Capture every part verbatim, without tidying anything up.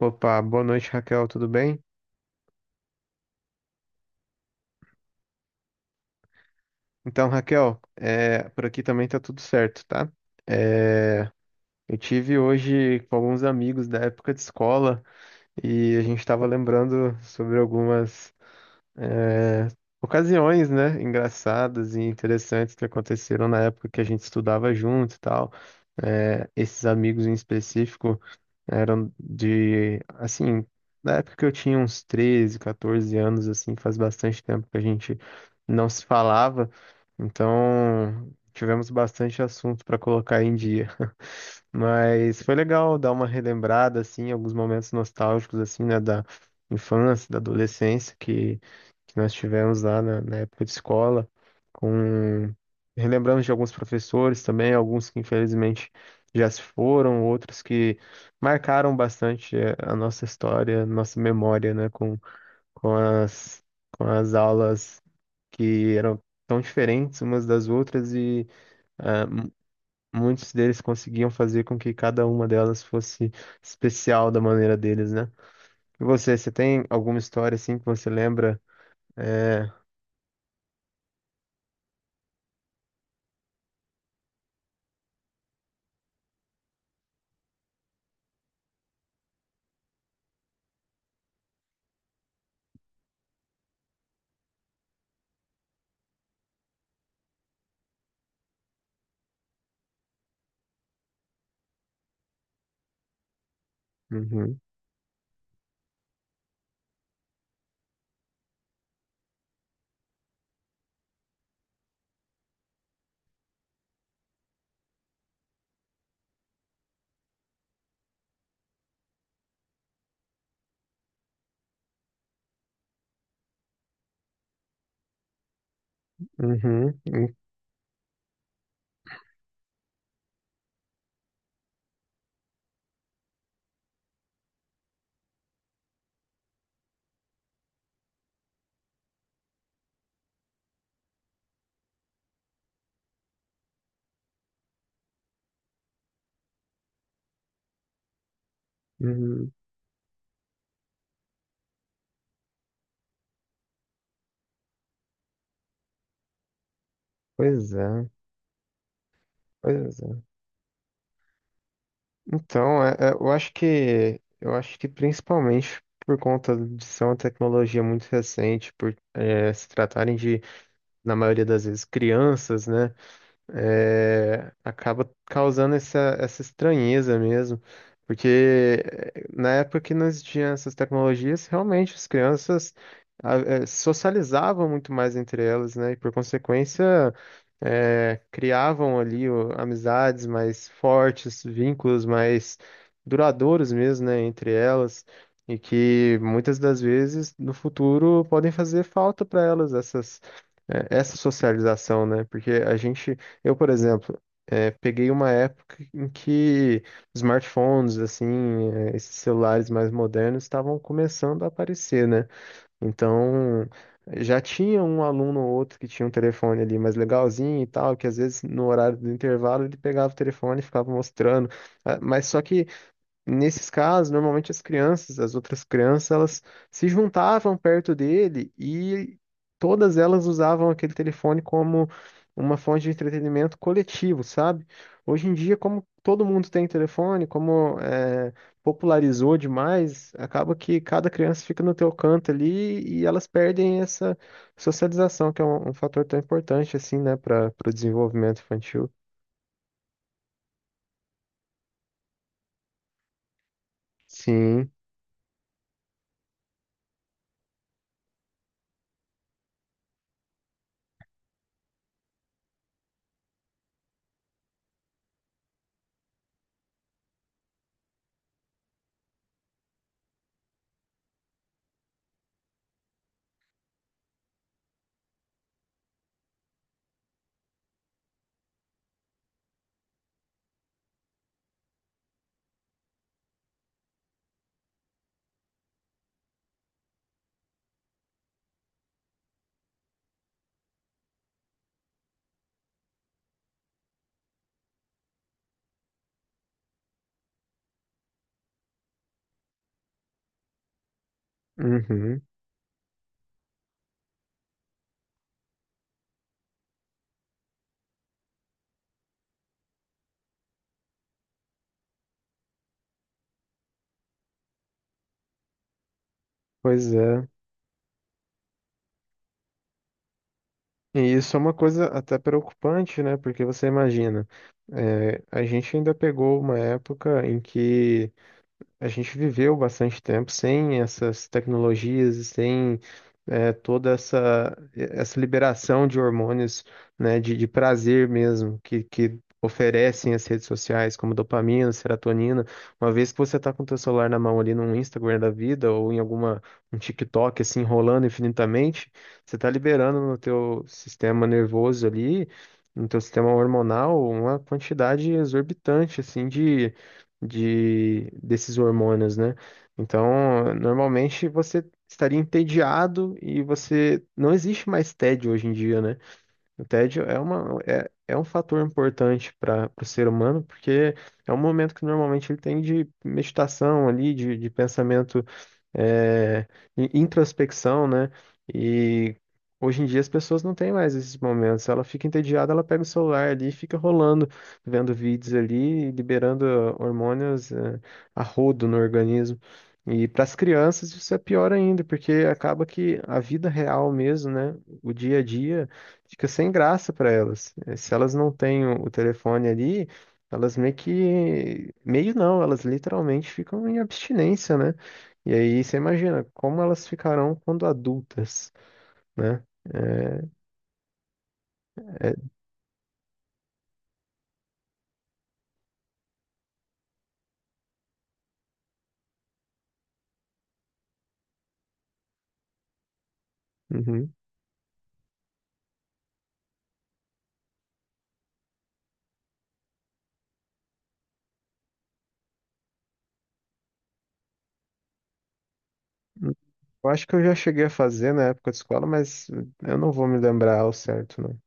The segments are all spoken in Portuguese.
Opa, boa noite, Raquel, tudo bem? Então, Raquel, é, por aqui também tá tudo certo, tá? É, eu tive hoje com alguns amigos da época de escola e a gente estava lembrando sobre algumas é, ocasiões, né, engraçadas e interessantes que aconteceram na época que a gente estudava junto e tal. É, esses amigos em específico eram de, assim, na época que eu tinha uns treze quatorze anos, assim, faz bastante tempo que a gente não se falava, então tivemos bastante assunto para colocar em dia. Mas foi legal dar uma relembrada, assim, alguns momentos nostálgicos, assim, né, da infância, da adolescência, que que nós tivemos lá na, na época de escola, com relembramos de alguns professores também, alguns que infelizmente já se foram, outros que marcaram bastante eh, a nossa história, nossa memória, né, com, com as, com as aulas que eram tão diferentes umas das outras e muitos deles conseguiam fazer com que cada uma delas fosse especial da maneira deles, né? E você, você tem alguma história assim que você lembra? É... Uhum, uhum, uhum. Pois é, pois é. Então, é- é, eu acho que eu acho que principalmente por conta de ser uma tecnologia muito recente, por eh, se tratarem de, na maioria das vezes, crianças, né? é, acaba causando essa, essa estranheza mesmo, porque eh, na época que não existiam essas tecnologias, realmente as crianças ah, eh, socializavam muito mais entre elas, né? E por consequência, eh, criavam ali o- amizades mais fortes, vínculos mais duradouros mesmo, né? Entre elas. E que muitas das vezes no futuro podem fazer falta para elas essas, eh, essa socialização, né? Porque a gente eu, por exemplo, eh, peguei uma época em que smartphones, assim, eh, esses celulares mais modernos estavam começando a aparecer, né? Então, já tinha um aluno ou outro que tinha um telefone ali mais legalzinho e tal, que às vezes no horário do intervalo ele pegava o telefone e ficava mostrando. Ah, Mas só que Nesses casos, normalmente as crianças, as outras crianças, elas se juntavam perto dele e todas elas usavam aquele telefone como uma fonte de entretenimento coletivo, sabe? Hoje em dia, como todo mundo tem telefone, como eh, popularizou demais, acaba que cada criança fica no teu canto ali e elas perdem essa socialização, que é um, um fator tão importante assim, né, para o desenvolvimento infantil. Sim. Uhum. Pois é. E isso é uma coisa até preocupante, né? Porque você imagina, eh, a gente ainda pegou uma época em que a gente viveu bastante tempo sem essas tecnologias e sem eh, toda essa, essa liberação de hormônios, né, de, de prazer mesmo, que, que oferecem as redes sociais, como dopamina, serotonina. Uma vez que você está com o teu celular na mão ali num Instagram da vida ou em alguma um TikTok assim rolando infinitamente, você está liberando no teu sistema nervoso ali, no teu sistema hormonal, uma quantidade exorbitante assim de de desses hormônios, né? Então, normalmente você estaria entediado e você não existe mais tédio hoje em dia, né? O tédio é uma, é, é um fator importante para o ser humano, porque é um momento que normalmente ele tem de meditação ali, de, de pensamento, é, in- introspecção, né? E hoje em dia as pessoas não têm mais esses momentos. Ela fica entediada, ela pega o celular ali e fica rolando, vendo vídeos ali, liberando hormônios, é, a rodo no organismo. E para as crianças isso é pior ainda, porque acaba que a vida real mesmo, né? O dia a dia fica sem graça para elas. Eh, Se elas não têm o o telefone ali, elas meio que. Meio não, elas literalmente ficam em abstinência, né? E aí você imagina como elas ficarão quando adultas, né? É, é- uhum. Eu acho que eu já cheguei a fazer na época de escola, mas eu não vou me lembrar ao certo, não.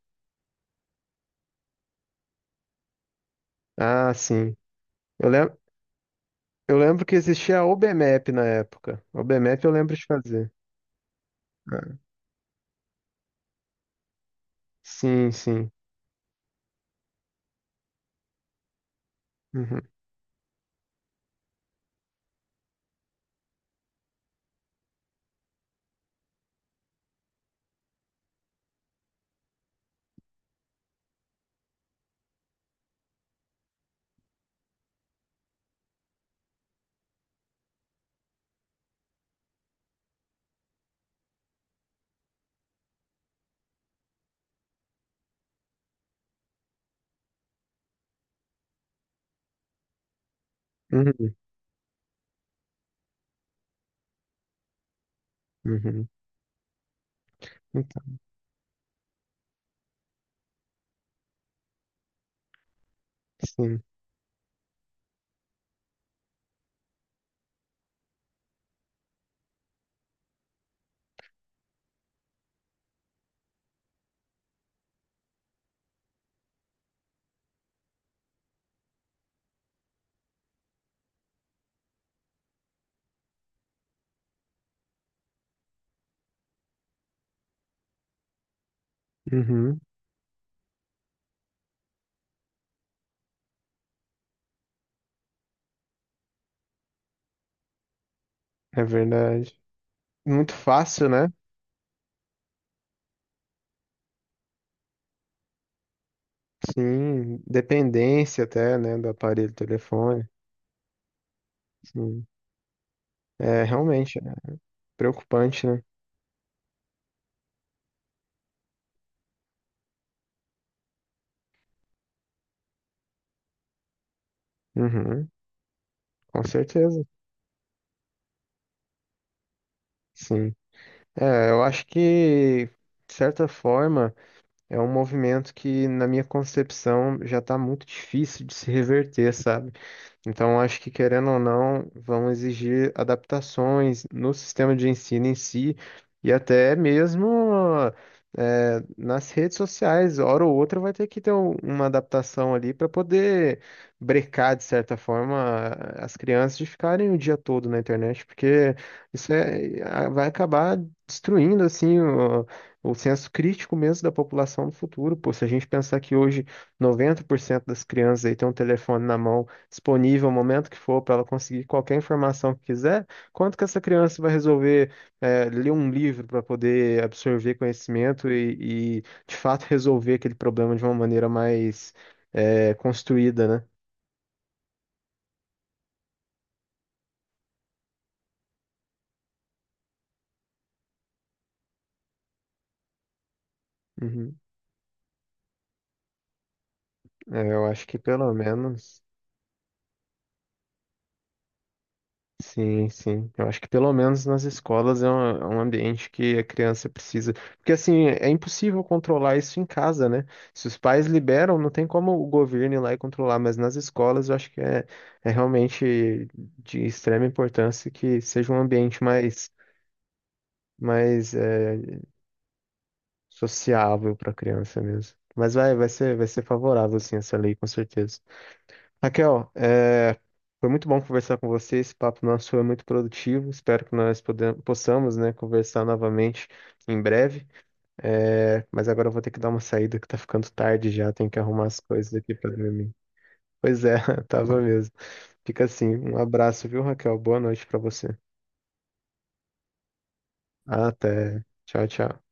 Ah, sim. Eu lembro, eu lembro que existia a OBMAP na época. OBMAP eu lembro de fazer. Ah, sim, sim. Uhum. Uhum. Uhum. Então, sim. Uhum, é verdade. Muito fácil, né? Sim, dependência até, né, do aparelho telefone. Sim. É realmente é preocupante, né? Uhum, com certeza. Sim. É, eu acho que, de certa forma, é um movimento que, na minha concepção, já está muito difícil de se reverter, sabe? Então, acho que, querendo ou não, vão exigir adaptações no sistema de ensino em si e até mesmo eh, nas redes sociais. Hora ou outra vai ter que ter um- uma adaptação ali para poder brecar, de certa forma, as crianças de ficarem o dia todo na internet, porque isso é, a- vai acabar destruindo assim o, o senso crítico mesmo da população no futuro. Pô, se a gente pensar que hoje noventa por cento das crianças aí tem um telefone na mão disponível, o momento que for, para ela conseguir qualquer informação que quiser, quanto que essa criança vai resolver eh, ler um livro para poder absorver conhecimento e, e, de fato, resolver aquele problema de uma maneira mais eh, construída, né? Uhum. É, eu acho que pelo menos. Sim, sim. Eu acho que pelo menos nas escolas é um, é um ambiente que a criança precisa. Porque assim, é impossível controlar isso em casa, né? Se os pais liberam, não tem como o governo ir lá e controlar, mas nas escolas eu acho que é, é realmente de extrema importância que seja um ambiente mais, mais é, sociável para a criança mesmo. Mas vai, vai ser, vai ser favorável, sim, essa lei, com certeza. Raquel, é, foi muito bom conversar com você. Esse papo nosso foi muito produtivo. Espero que nós podem- possamos, né, conversar novamente em breve. É, mas agora eu vou ter que dar uma saída que tá ficando tarde já. Tenho que arrumar as coisas aqui pra dormir. Pois é, tava mesmo. Fica assim. Um abraço, viu, Raquel? Boa noite pra você. Até. Tchau, tchau.